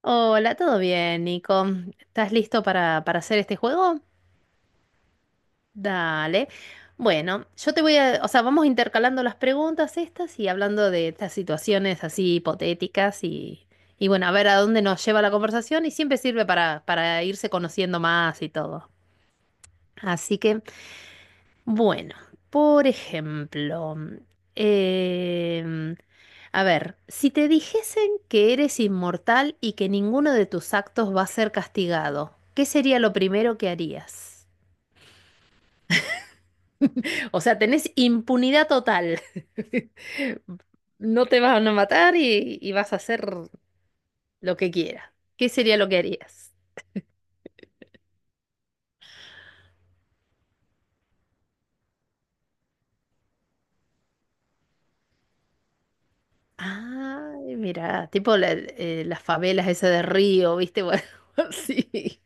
Hola, ¿todo bien, Nico? ¿Estás listo para hacer este juego? Dale. Bueno, yo te voy a, o sea, vamos intercalando las preguntas estas y hablando de estas situaciones así hipotéticas y bueno, a ver a dónde nos lleva la conversación y siempre sirve para irse conociendo más y todo. Así que, bueno, por ejemplo, em, a ver, si te dijesen que eres inmortal y que ninguno de tus actos va a ser castigado, ¿qué sería lo primero que harías? O sea, tenés impunidad total. No te van a matar y vas a hacer lo que quieras. ¿Qué sería lo que harías? Ay, mira, tipo las favelas esa de Río, ¿viste? Bueno, sí.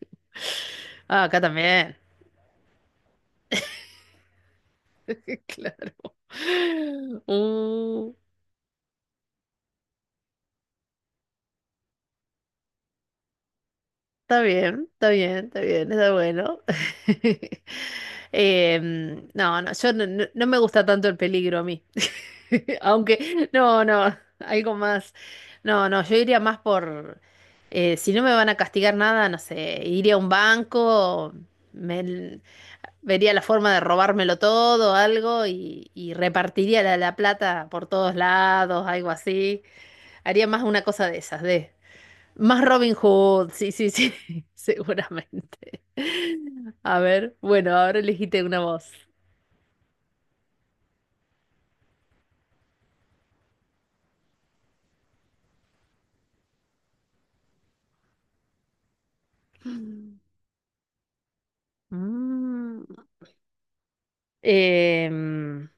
Ah, acá también. Claro. Mm, está bien, está bien, está bien, está bueno. No, no, yo no me gusta tanto el peligro a mí. Aunque, no, no, algo más. No, no, yo iría más si no me van a castigar nada, no sé, iría a un banco, me- vería la forma de robármelo todo, algo, y repartiría la plata por todos lados, algo así. Haría más una cosa de esas, de más Robin Hood, sí, sí, sí, seguramente. A ver, bueno, ahora elegiste una voz. Mm, em,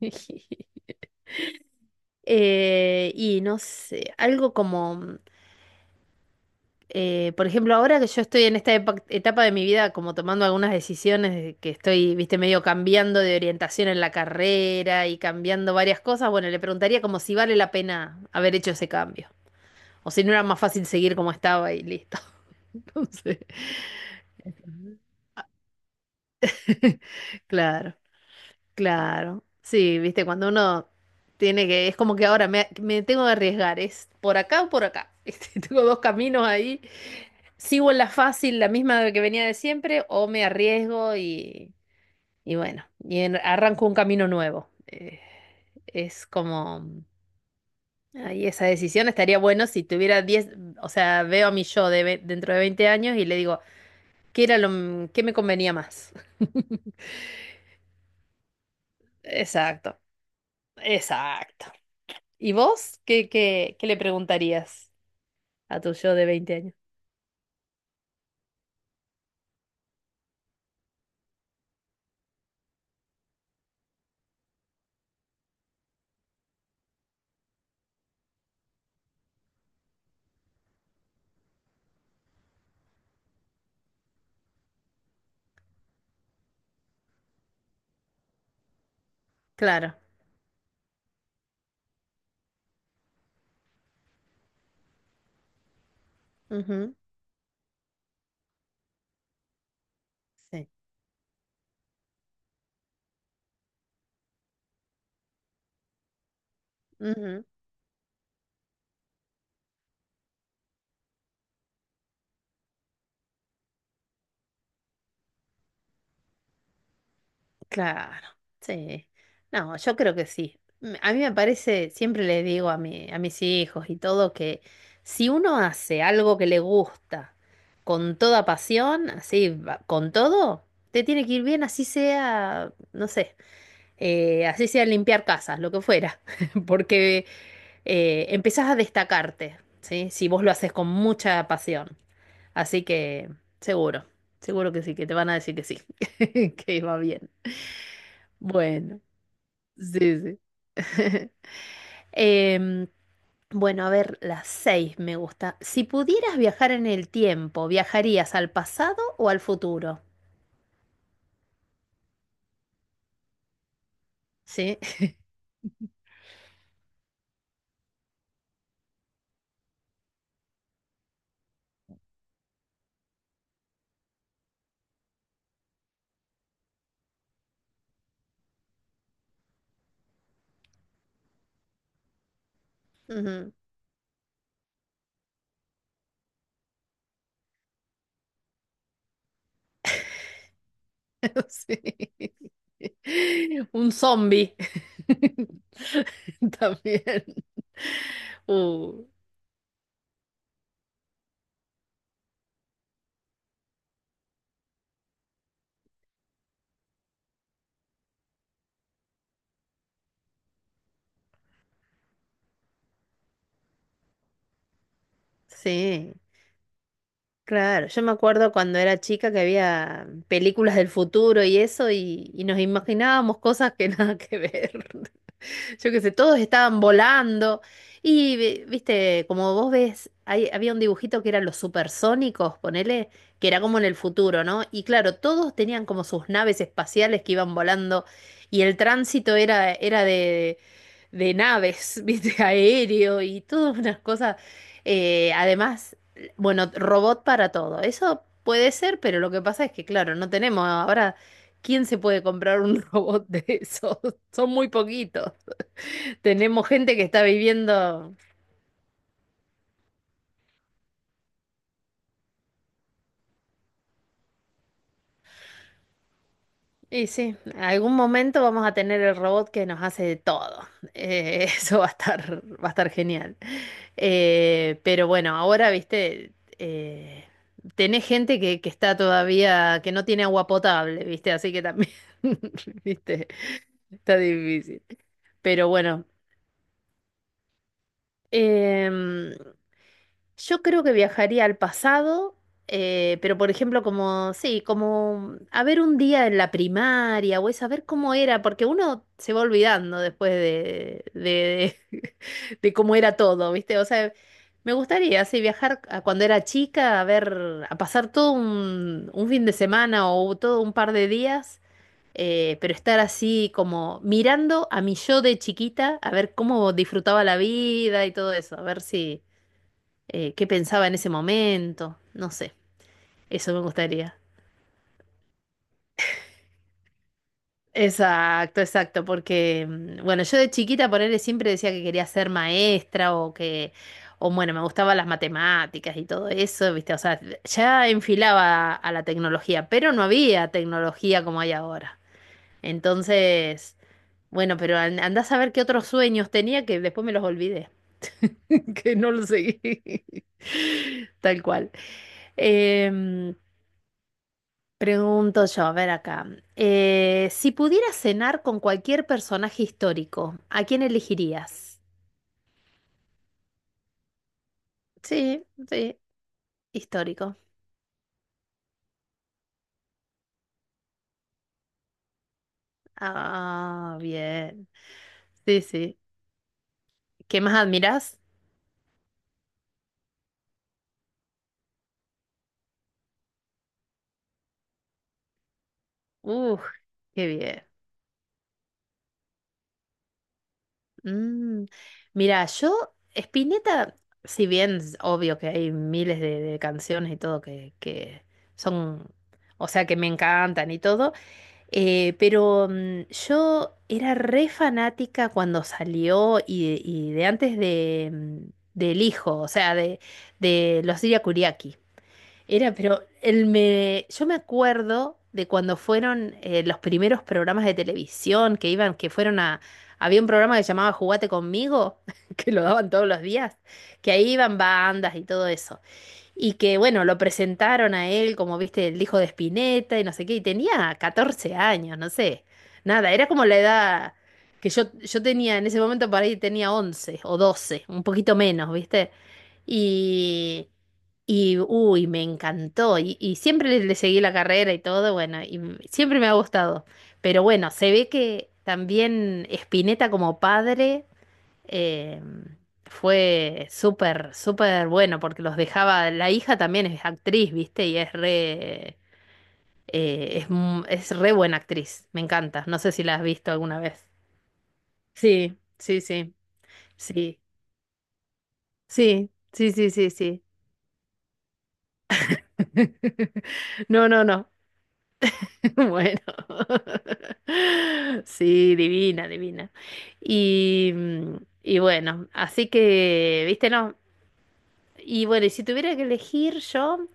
y no sé, algo como, por ejemplo, ahora que yo estoy en esta etapa de mi vida, como tomando algunas decisiones, de que estoy, viste, medio cambiando de orientación en la carrera y cambiando varias cosas, bueno, le preguntaría como si vale la pena haber hecho ese cambio. O si no era más fácil seguir como estaba y listo. Entonces, claro, claro. Sí, viste, cuando uno tiene que, es como que ahora me tengo que arriesgar, es por acá o por acá. Este, tengo dos caminos ahí. Sigo en la fácil, la misma que venía de siempre, o me arriesgo y bueno, arranco un camino nuevo. Es como, ahí esa decisión estaría bueno si tuviera 10 o sea, veo a mi yo de dentro de 20 años y le digo, ¿qué era lo que me convenía más? Exacto, exacto. ¿Y vos qué le preguntarías a tu yo de 20 años? Claro. Ujú, sí. Ujú, claro. Sí. No, yo creo que sí. A mí me parece, siempre le digo a a mis hijos y todo que si uno hace algo que le gusta con toda pasión, así, con todo, te tiene que ir bien, así sea, no sé, así sea limpiar casas, lo que fuera, porque empezás a destacarte, ¿sí? Si vos lo haces con mucha pasión. Así que seguro, seguro que sí, que te van a decir que sí, que va bien. Bueno, sí, sí. Em, bueno, a ver, las seis me gusta. Si pudieras viajar en el tiempo, ¿viajarías al pasado o al futuro? Sí. Ujú. Sí. Un zombie. También. Uh, sí, claro. Yo me acuerdo cuando era chica que había películas del futuro y eso, y nos imaginábamos cosas que nada que ver. Yo qué sé, todos estaban volando. Y, viste, como vos ves, había un dibujito que eran los supersónicos, ponele, que era como en el futuro, ¿no? Y claro, todos tenían como sus naves espaciales que iban volando y el tránsito era de de, naves, viste, aéreo y todas unas cosas. Además, bueno, robot para todo. Eso puede ser, pero lo que pasa es que, claro, no tenemos ahora... ¿Quién se puede comprar un robot de esos? Son muy poquitos. Tenemos gente que está viviendo. Y sí, algún momento vamos a tener el robot que nos hace de todo. Eso va a estar genial. Pero bueno, ahora, viste, tenés gente que está todavía, que no tiene agua potable, viste, así que también, viste, está difícil. Pero bueno, em, yo creo que viajaría al pasado, pero por ejemplo, como, sí, como a ver un día en la primaria o es a ver cómo era, porque uno se va olvidando después de cómo era todo, ¿viste? O sea, me gustaría, sí, viajar a cuando era chica, a ver, a pasar todo un fin de semana o todo un par de días, pero estar así como mirando a mi yo de chiquita, a ver cómo disfrutaba la vida y todo eso, a ver si qué pensaba en ese momento, no sé, eso me gustaría. Exacto, exacto, porque mm, bueno, yo de chiquita por él siempre decía que quería ser maestra o que, o bueno, me gustaban las matemáticas y todo eso, ¿viste? O sea, ya enfilaba a la tecnología, pero no había tecnología como hay ahora. Entonces, bueno, pero andá a saber qué otros sueños tenía que después me los olvidé, que no los seguí. Tal cual. Em, Pregunto yo, a ver acá. Si pudieras cenar con cualquier personaje histórico, ¿a quién elegirías? Sí, sí, histórico. Ah, bien. Sí, sí. ¿Qué más admiras? Uf, qué bien. Mm, mira, yo, Spinetta, si bien es obvio que hay miles de canciones y todo que son, o sea, que me encantan y todo. Pero mm, yo era re fanática cuando salió y de antes de, mm, del hijo, o sea, de los Siria Kuriaki. Era, pero él me, yo me acuerdo de cuando fueron los primeros programas de televisión que iban, que fueron a, había un programa que se llamaba Jugate conmigo, que lo daban todos los días, que ahí iban bandas y todo eso y que bueno, lo presentaron a él como, viste, el hijo de Spinetta y no sé qué, y tenía 14 años, no sé, nada, era como la edad que yo tenía en ese momento, por ahí tenía 11 o 12 un poquito menos, viste, y, y uy, me encantó, y siempre le seguí la carrera y todo, bueno, siempre me ha gustado, pero bueno, se ve que también Spinetta como padre... Eh, fue súper, súper bueno porque los dejaba, la hija también es actriz, ¿viste? Y es re, es re buena actriz, me encanta. No sé si la has visto alguna vez. Sí, sí, sí, sí, sí, sí, sí, sí, sí. No, no, no. Bueno. Sí, divina, divina. Y, mm, y bueno, así que, ¿viste? No. Y bueno, y si tuviera que elegir yo...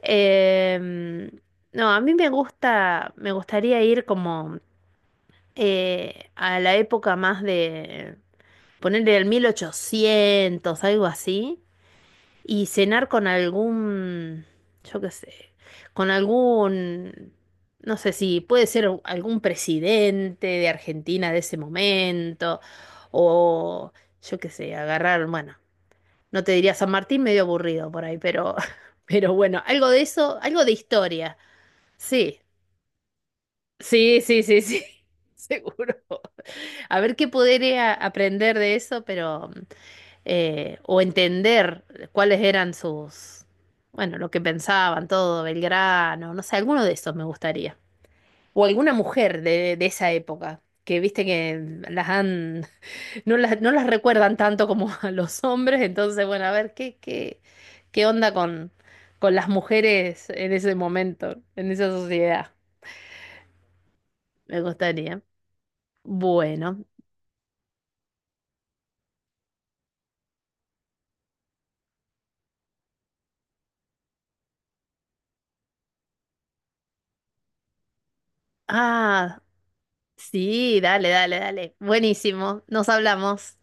Em, no, a mí me gusta, me gustaría ir como a la época más de ponerle el 1800 algo así, y cenar con algún, yo qué sé, con algún, no sé si puede ser algún presidente de Argentina de ese momento, o yo qué sé, agarrar, bueno, no te diría San Martín, medio aburrido por ahí, pero, pero bueno, algo de eso, algo de historia. Sí, sí, sí, sí, sí, seguro. A ver qué podría aprender de eso, pero o entender cuáles eran sus, bueno, lo que pensaban, todo, Belgrano, no sé, alguno de esos me gustaría. O alguna mujer de esa época, que viste que las han, no las recuerdan tanto como a los hombres, entonces, bueno, a ver qué onda con las mujeres en ese momento, en esa sociedad, me gustaría. Bueno. Ah, sí, dale, dale, dale. Buenísimo. Nos hablamos.